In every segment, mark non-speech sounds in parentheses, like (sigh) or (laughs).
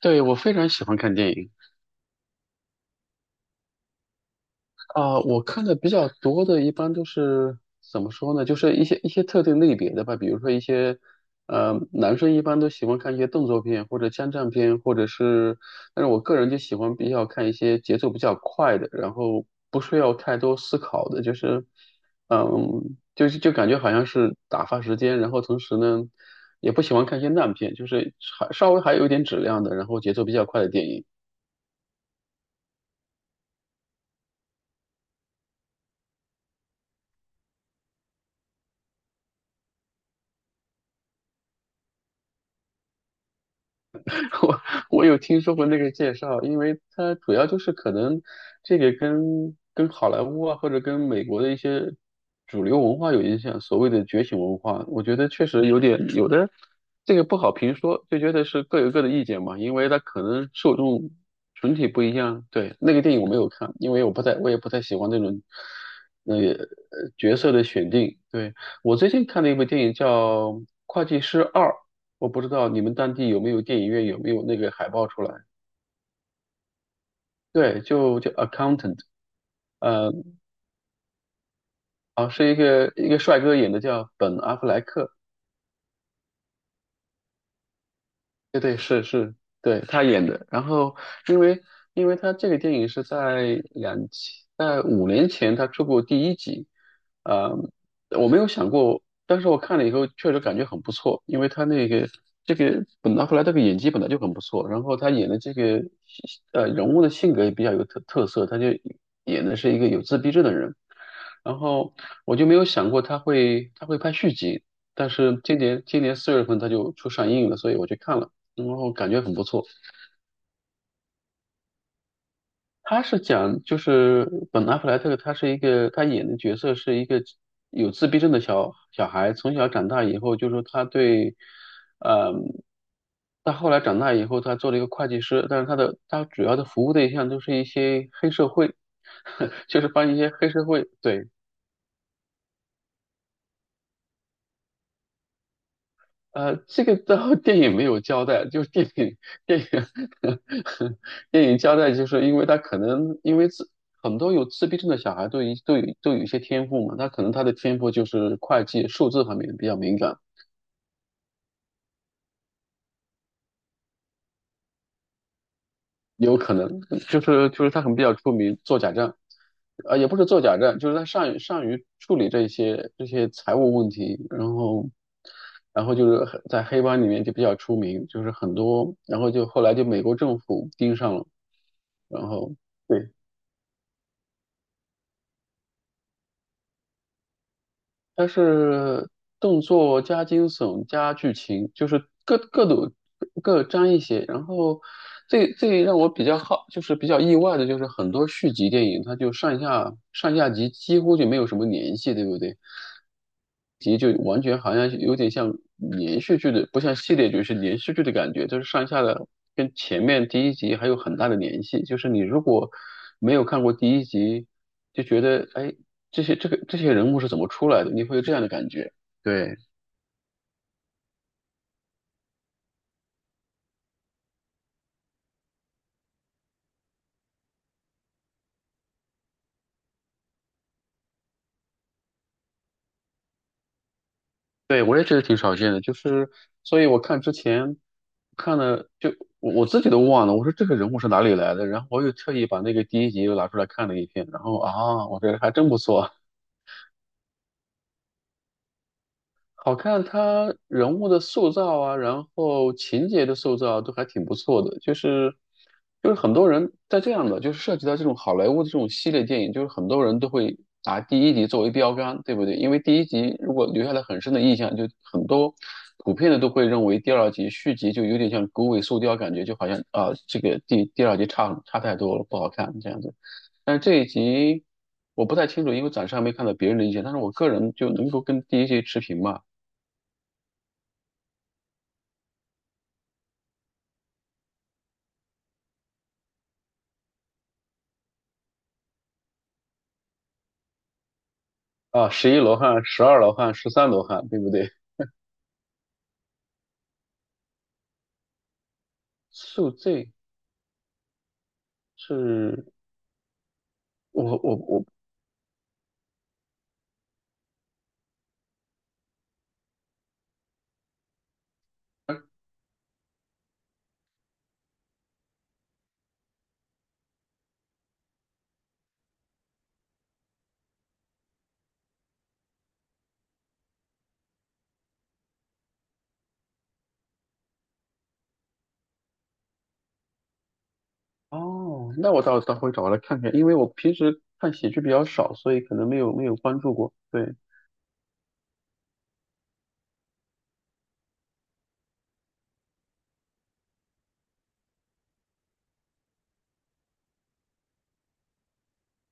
对，我非常喜欢看电影。啊，我看的比较多的，一般都是怎么说呢？就是一些特定类别的吧，比如说一些，男生一般都喜欢看一些动作片或者枪战片，或者是，但是我个人就喜欢比较看一些节奏比较快的，然后不需要太多思考的，就感觉好像是打发时间。然后同时呢，也不喜欢看一些烂片，就是还稍微还有一点质量的，然后节奏比较快的电影。(laughs) 我我有听说过那个介绍。因为它主要就是可能这个跟好莱坞啊，或者跟美国的一些主流文化有影响，所谓的觉醒文化。我觉得确实有点有的这个不好评说，就觉得是各有各的意见嘛，因为它可能受众群体不一样。对，那个电影我没有看，因为我也不太喜欢那种那个角色的选定。对，我最近看了一部电影叫《会计师二》。我不知道你们当地有没有电影院，有没有那个海报出来？对，就叫 Accountant。呃，啊，是一个帅哥演的，叫本·阿弗莱克。对对是是，对他演的。然后因为因为他这个电影是在两千在5年前他出过第一集。呃，我没有想过，但是我看了以后确实感觉很不错，因为他那个这个本拿破莱这个演技本来就很不错，然后他演的这个人物的性格也比较有特色，他就演的是一个有自闭症的人。然后我就没有想过他会拍续集，但是今年4月份他就出上映了，所以我去看了。然后感觉很不错。他是讲就是本阿弗莱特，他演的角色是一个有自闭症的小孩，从小长大以后，就说他，对。嗯，他后来长大以后，他做了一个会计师，但是他的他主要的服务对象都是一些黑社会。(laughs) 就是帮一些黑社会，对。这个到 (laughs) 电影没有交代，就是电影 (laughs) 电影交代，就是因为他可能因为自很多有自闭症的小孩都有一些天赋嘛，他可能他的天赋就是会计、数字方面比较敏感。有可能就是他很比较出名做假账。也不是做假账，就是他善于处理这些财务问题。然后，然后就是很在黑帮里面就比较出名，就是很多，然后就后来就美国政府盯上了，然后。对，它是动作加惊悚加剧情，就是各沾一些。然后最最让我比较好，就是比较意外的，就是很多续集电影，它就上下集几乎就没有什么联系，对不对？集就完全好像有点像连续剧的，不像系列剧，是连续剧的感觉，就是上下的跟前面第一集还有很大的联系。就是你如果没有看过第一集，就觉得哎，这些人物是怎么出来的，你会有这样的感觉。对，对，我也觉得挺少见的，就是所以我看之前看了就我自己都忘了，我说这个人物是哪里来的，然后我又特意把那个第一集又拿出来看了一遍。然后啊，我觉得还真不错。好看。他人物的塑造啊，然后情节的塑造啊都还挺不错的。就是很多人在这样的，就是涉及到这种好莱坞的这种系列电影，就是很多人都会拿第一集作为标杆，对不对？因为第一集如果留下了很深的印象，就很多普遍的都会认为第二集续集就有点像狗尾续貂，感觉就好像啊、这个第二集差很差太多了，不好看这样子。但是这一集我不太清楚，因为暂时还没看到别人的意见，但是我个人就能够跟第一集持平吧。啊，十一罗汉、十二罗汉、十三罗汉，对不对？宿醉，是。我，哦，那我回找来看看，因为我平时看喜剧比较少，所以可能没有关注过。对，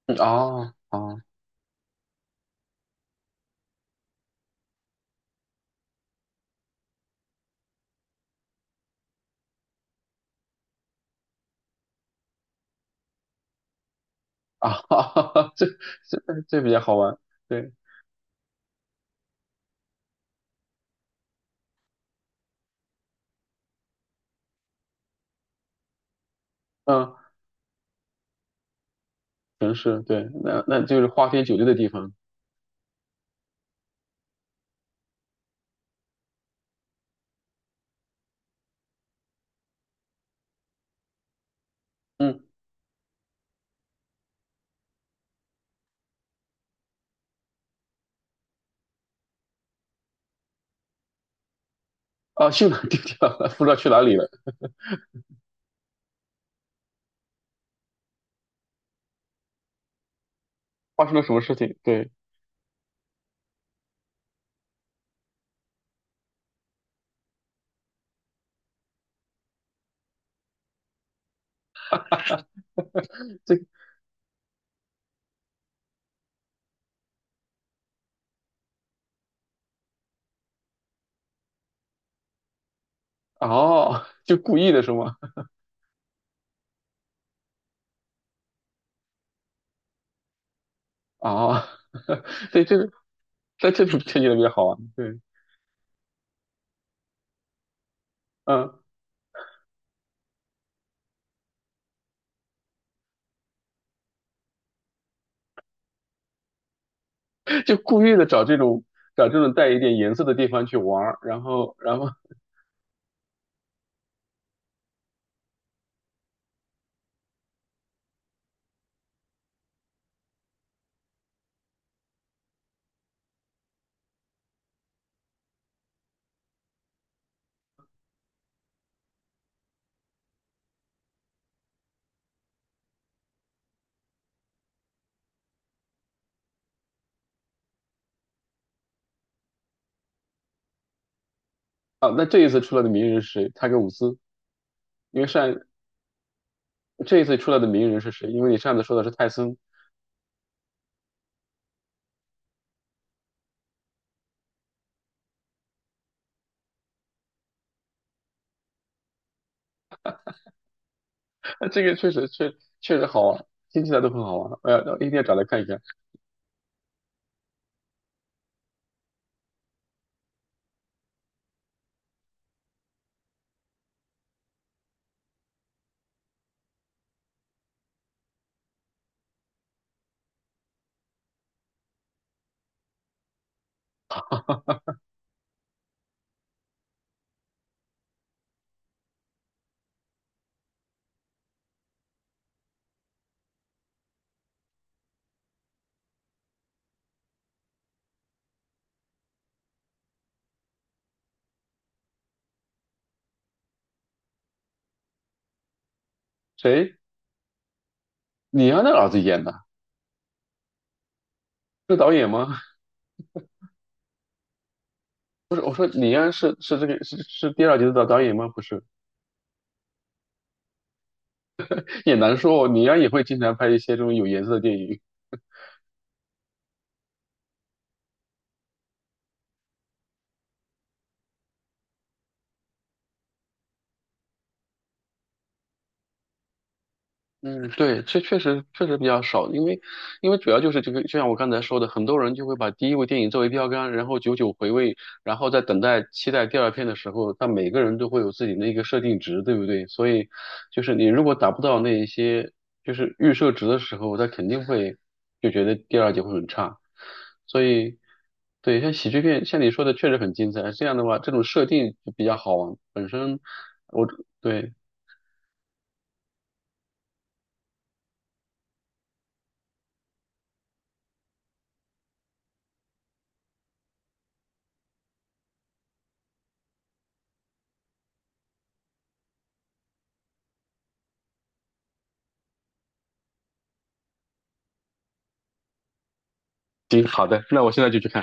嗯，啊啊啊。(laughs) 这这这比较好玩。对，嗯，城市，对，那就是花天酒地的地方。嗯，啊，去哪儿丢掉了？不知道去哪里了。发生了什么事情？对，(laughs) 这。哦，就故意的是吗？哦，(laughs) 对，这个但这种这就特别好玩，对。嗯，就故意的找这种带一点颜色的地方去玩儿，然后。啊，那这一次出来的名人是谁？泰格伍兹？因为上这一次出来的名人是谁？因为你上次说的是泰森。(laughs) 这个确实好玩，听起来都很好玩，一定要找来看一看。谁？李安的儿子演的？是导演吗？不是，我说李安是第二集的导演吗？不是，也难说哦，李安也会经常拍一些这种有颜色的电影。嗯，对。这确实比较少，因为主要就是这个，就像我刚才说的，很多人就会把第一部电影作为标杆，然后久久回味，然后在等待期待第二片的时候，他每个人都会有自己的一个设定值，对不对？所以就是你如果达不到那一些就是预设值的时候，他肯定会就觉得第二集会很差。所以对，像喜剧片，像你说的确实很精彩。这样的话，这种设定就比较好玩，本身我。对，行，好的，那我现在就去看。